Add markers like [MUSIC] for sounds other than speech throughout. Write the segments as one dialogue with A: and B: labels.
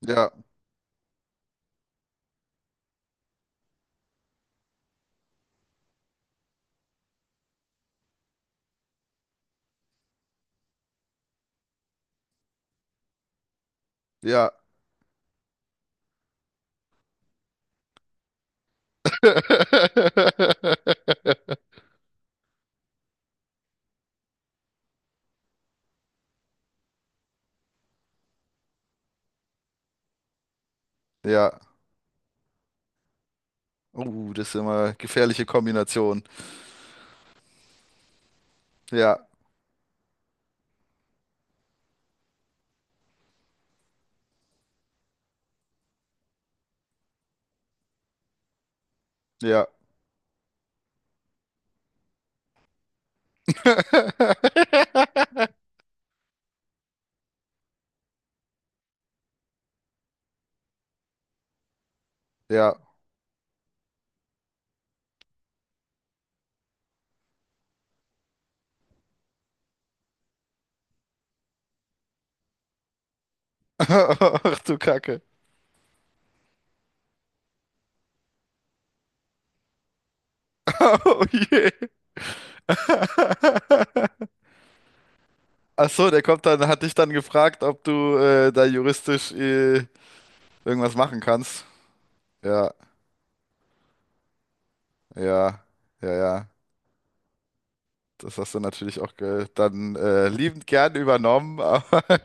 A: Ja, ja, [LAUGHS] ja. Das ist immer eine gefährliche Kombination. Ja, ja. [LAUGHS] Ja. [LAUGHS] Ach du Kacke. [LAUGHS] Oh je. [LAUGHS] Ach so, der kommt dann, hat dich dann gefragt, ob du da juristisch irgendwas machen kannst. Ja, ja, ja, ja. Das hast du natürlich auch ge dann liebend gern übernommen, aber [LAUGHS]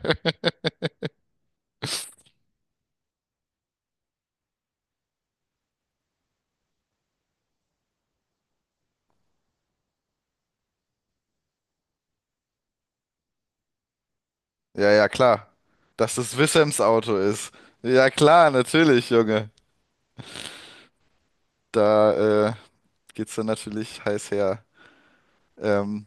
A: Ja, ja, klar. Dass es Wissams Auto ist. Ja, klar, natürlich, Junge. Da geht's dann natürlich heiß her. Ähm,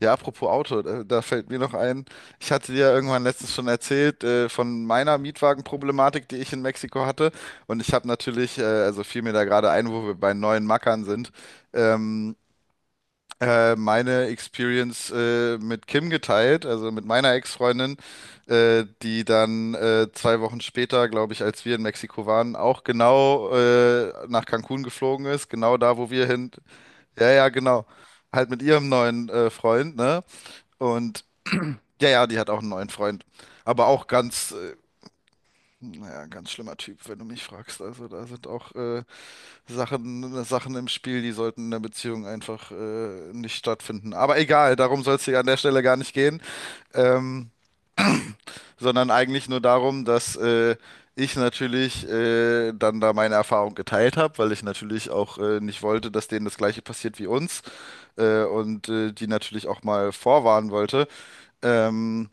A: ja, apropos Auto, da fällt mir noch ein, ich hatte dir ja irgendwann letztens schon erzählt von meiner Mietwagenproblematik, die ich in Mexiko hatte. Und ich habe natürlich, also fiel mir da gerade ein, wo wir bei neuen Mackern sind. Ähm, Meine Experience mit Kim geteilt, also mit meiner Ex-Freundin, die dann zwei Wochen später, glaube ich, als wir in Mexiko waren, auch genau nach Cancun geflogen ist, genau da, wo wir hin. Ja, ja, genau. Halt mit ihrem neuen Freund, ne? Und ja, ja, die hat auch einen neuen Freund. Aber auch ganz, naja, ganz schlimmer Typ, wenn du mich fragst. Also da sind auch Sachen im Spiel, die sollten in der Beziehung einfach nicht stattfinden. Aber egal, darum soll es hier an der Stelle gar nicht gehen, ähm, sondern eigentlich nur darum, dass ich natürlich dann da meine Erfahrung geteilt habe, weil ich natürlich auch nicht wollte, dass denen das Gleiche passiert wie uns, und die natürlich auch mal vorwarnen wollte. Ähm,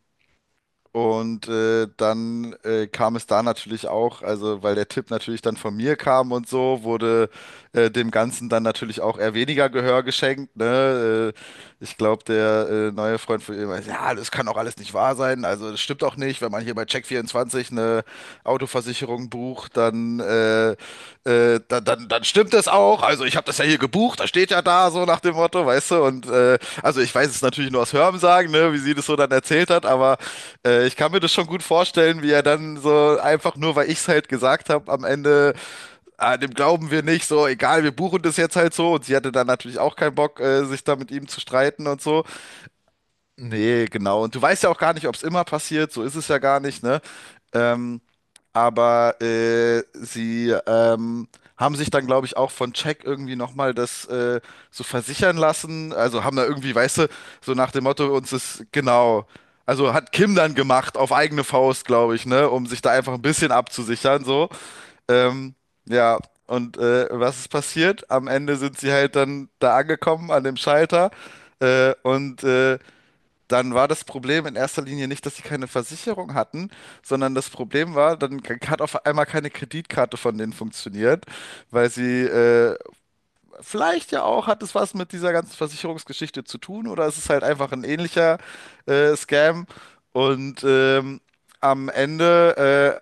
A: und dann kam es da natürlich auch, also weil der Tipp natürlich dann von mir kam und so, wurde dem Ganzen dann natürlich auch eher weniger Gehör geschenkt, ne? Ich glaube, der neue Freund von ihm meinte, ja, das kann auch alles nicht wahr sein. Also das stimmt auch nicht. Wenn man hier bei Check24 eine Autoversicherung bucht, dann stimmt das auch. Also ich habe das ja hier gebucht, da steht ja da so nach dem Motto, weißt du. Und also ich weiß es natürlich nur aus Hörensagen, ne, wie sie das so dann erzählt hat, aber ich kann mir das schon gut vorstellen, wie er dann so einfach nur, weil ich es halt gesagt habe, am Ende dem glauben wir nicht, so, egal, wir buchen das jetzt halt so. Und sie hatte dann natürlich auch keinen Bock, sich da mit ihm zu streiten und so. Nee, genau. Und du weißt ja auch gar nicht, ob es immer passiert, so ist es ja gar nicht, ne? Ähm, aber sie haben sich dann, glaube ich, auch von Jack irgendwie nochmal das so versichern lassen. Also haben da irgendwie, weißt du, so nach dem Motto, uns ist genau. Also hat Kim dann gemacht, auf eigene Faust, glaube ich, ne, um sich da einfach ein bisschen abzusichern, so. Ähm, ja, und was ist passiert? Am Ende sind sie halt dann da angekommen an dem Schalter. Und dann war das Problem in erster Linie nicht, dass sie keine Versicherung hatten, sondern das Problem war, dann hat auf einmal keine Kreditkarte von denen funktioniert, weil sie vielleicht ja auch, hat es was mit dieser ganzen Versicherungsgeschichte zu tun oder es ist halt einfach ein ähnlicher Scam. Und am Ende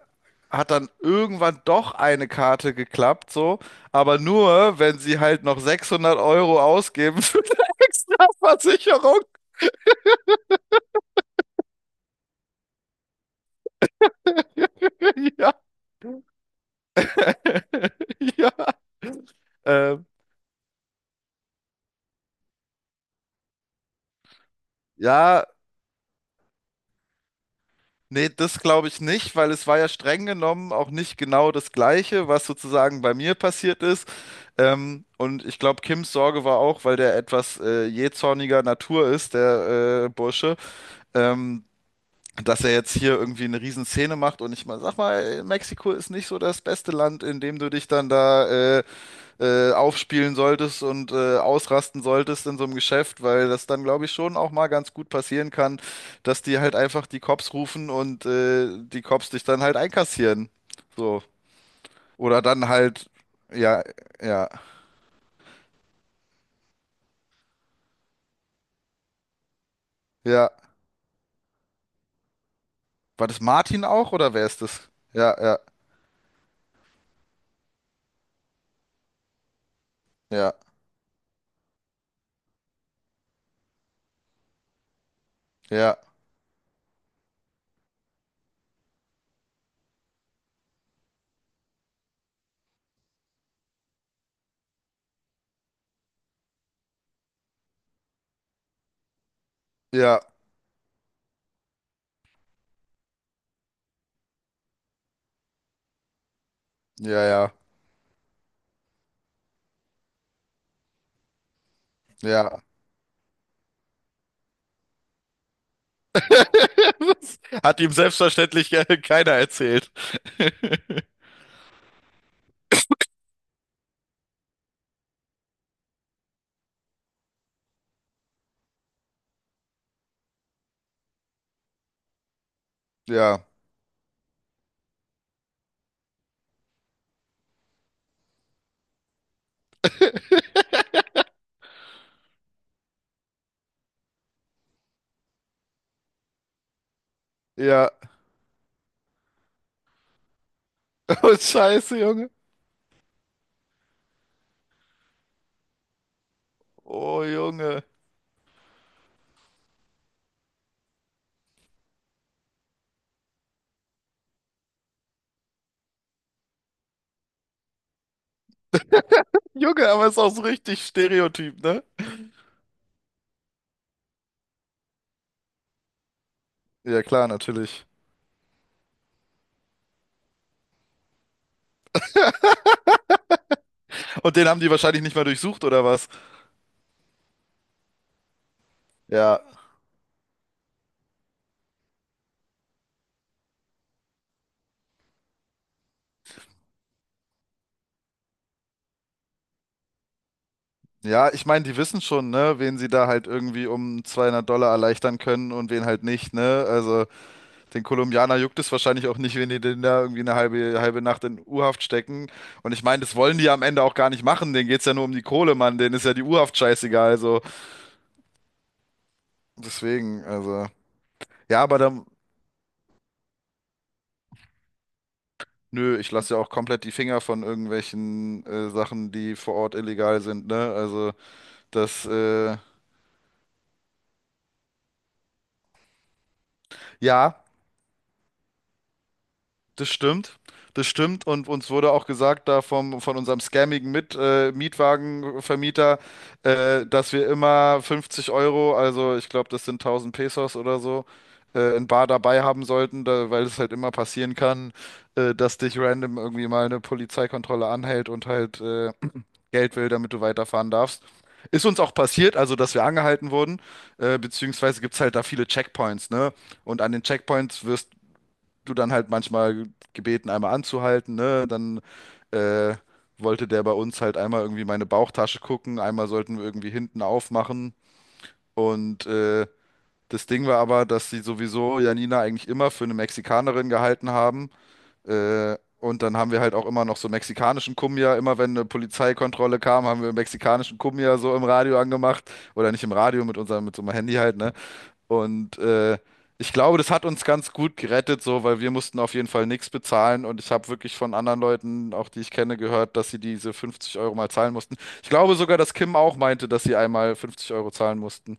A: hat dann irgendwann doch eine Karte geklappt, so, aber nur, wenn sie halt noch 600 Euro ausgeben für eine extra Versicherung. [LAUGHS] Ja, ja. Ähm, ja, nee, das glaube ich nicht, weil es war ja streng genommen auch nicht genau das Gleiche, was sozusagen bei mir passiert ist. Und ich glaube, Kims Sorge war auch, weil der etwas jähzorniger Natur ist, der Bursche, ähm, dass er jetzt hier irgendwie eine Riesenszene macht. Und sag mal, Mexiko ist nicht so das beste Land, in dem du dich dann da aufspielen solltest und ausrasten solltest in so einem Geschäft, weil das dann, glaube ich, schon auch mal ganz gut passieren kann, dass die halt einfach die Cops rufen und die Cops dich dann halt einkassieren. So. Oder dann halt, ja, ja, ja. War das Martin auch oder wer ist das? Ja, ja, ja, ja, ja, ja, ja, ja. [LAUGHS] Das hat ihm selbstverständlich keiner erzählt. [LAUGHS] Ja, ja. [LAUGHS] Oh, scheiße, Junge. Oh, Junge. Junge, aber ist auch so richtig Stereotyp, ne? Ja, klar, natürlich. Und den haben die wahrscheinlich nicht mal durchsucht, oder was? Ja. Ja, ich meine, die wissen schon, ne, wen sie da halt irgendwie um 200 Dollar erleichtern können und wen halt nicht, ne? Also, den Kolumbianer juckt es wahrscheinlich auch nicht, wenn die den da irgendwie eine halbe Nacht in U-Haft stecken. Und ich meine, das wollen die am Ende auch gar nicht machen. Denen geht's ja nur um die Kohle, Mann. Denen ist ja die U-Haft scheißegal, also. Deswegen, also. Ja, aber da, nö, ich lasse ja auch komplett die Finger von irgendwelchen Sachen, die vor Ort illegal sind, ne? Also das, ja, das stimmt. Das stimmt. Und uns wurde auch gesagt da von unserem scammigen Mietwagenvermieter, dass wir immer 50 Euro, also ich glaube, das sind 1000 Pesos oder so, in bar dabei haben sollten, da, weil es halt immer passieren kann, dass dich random irgendwie mal eine Polizeikontrolle anhält und halt Geld will, damit du weiterfahren darfst. Ist uns auch passiert, also dass wir angehalten wurden, beziehungsweise gibt es halt da viele Checkpoints, ne? Und an den Checkpoints wirst du dann halt manchmal gebeten, einmal anzuhalten, ne? Dann äh, wollte der bei uns halt einmal irgendwie meine Bauchtasche gucken, einmal sollten wir irgendwie hinten aufmachen. Und das Ding war aber, dass sie sowieso Janina eigentlich immer für eine Mexikanerin gehalten haben, und dann haben wir halt auch immer noch so mexikanischen Cumbia. Immer wenn eine Polizeikontrolle kam, haben wir mexikanischen Cumbia so im Radio angemacht. Oder nicht im Radio, mit so einem Handy halt, ne? Und ich glaube, das hat uns ganz gut gerettet, so, weil wir mussten auf jeden Fall nichts bezahlen. Und ich habe wirklich von anderen Leuten, auch die ich kenne, gehört, dass sie diese 50 Euro mal zahlen mussten. Ich glaube sogar, dass Kim auch meinte, dass sie einmal 50 Euro zahlen mussten.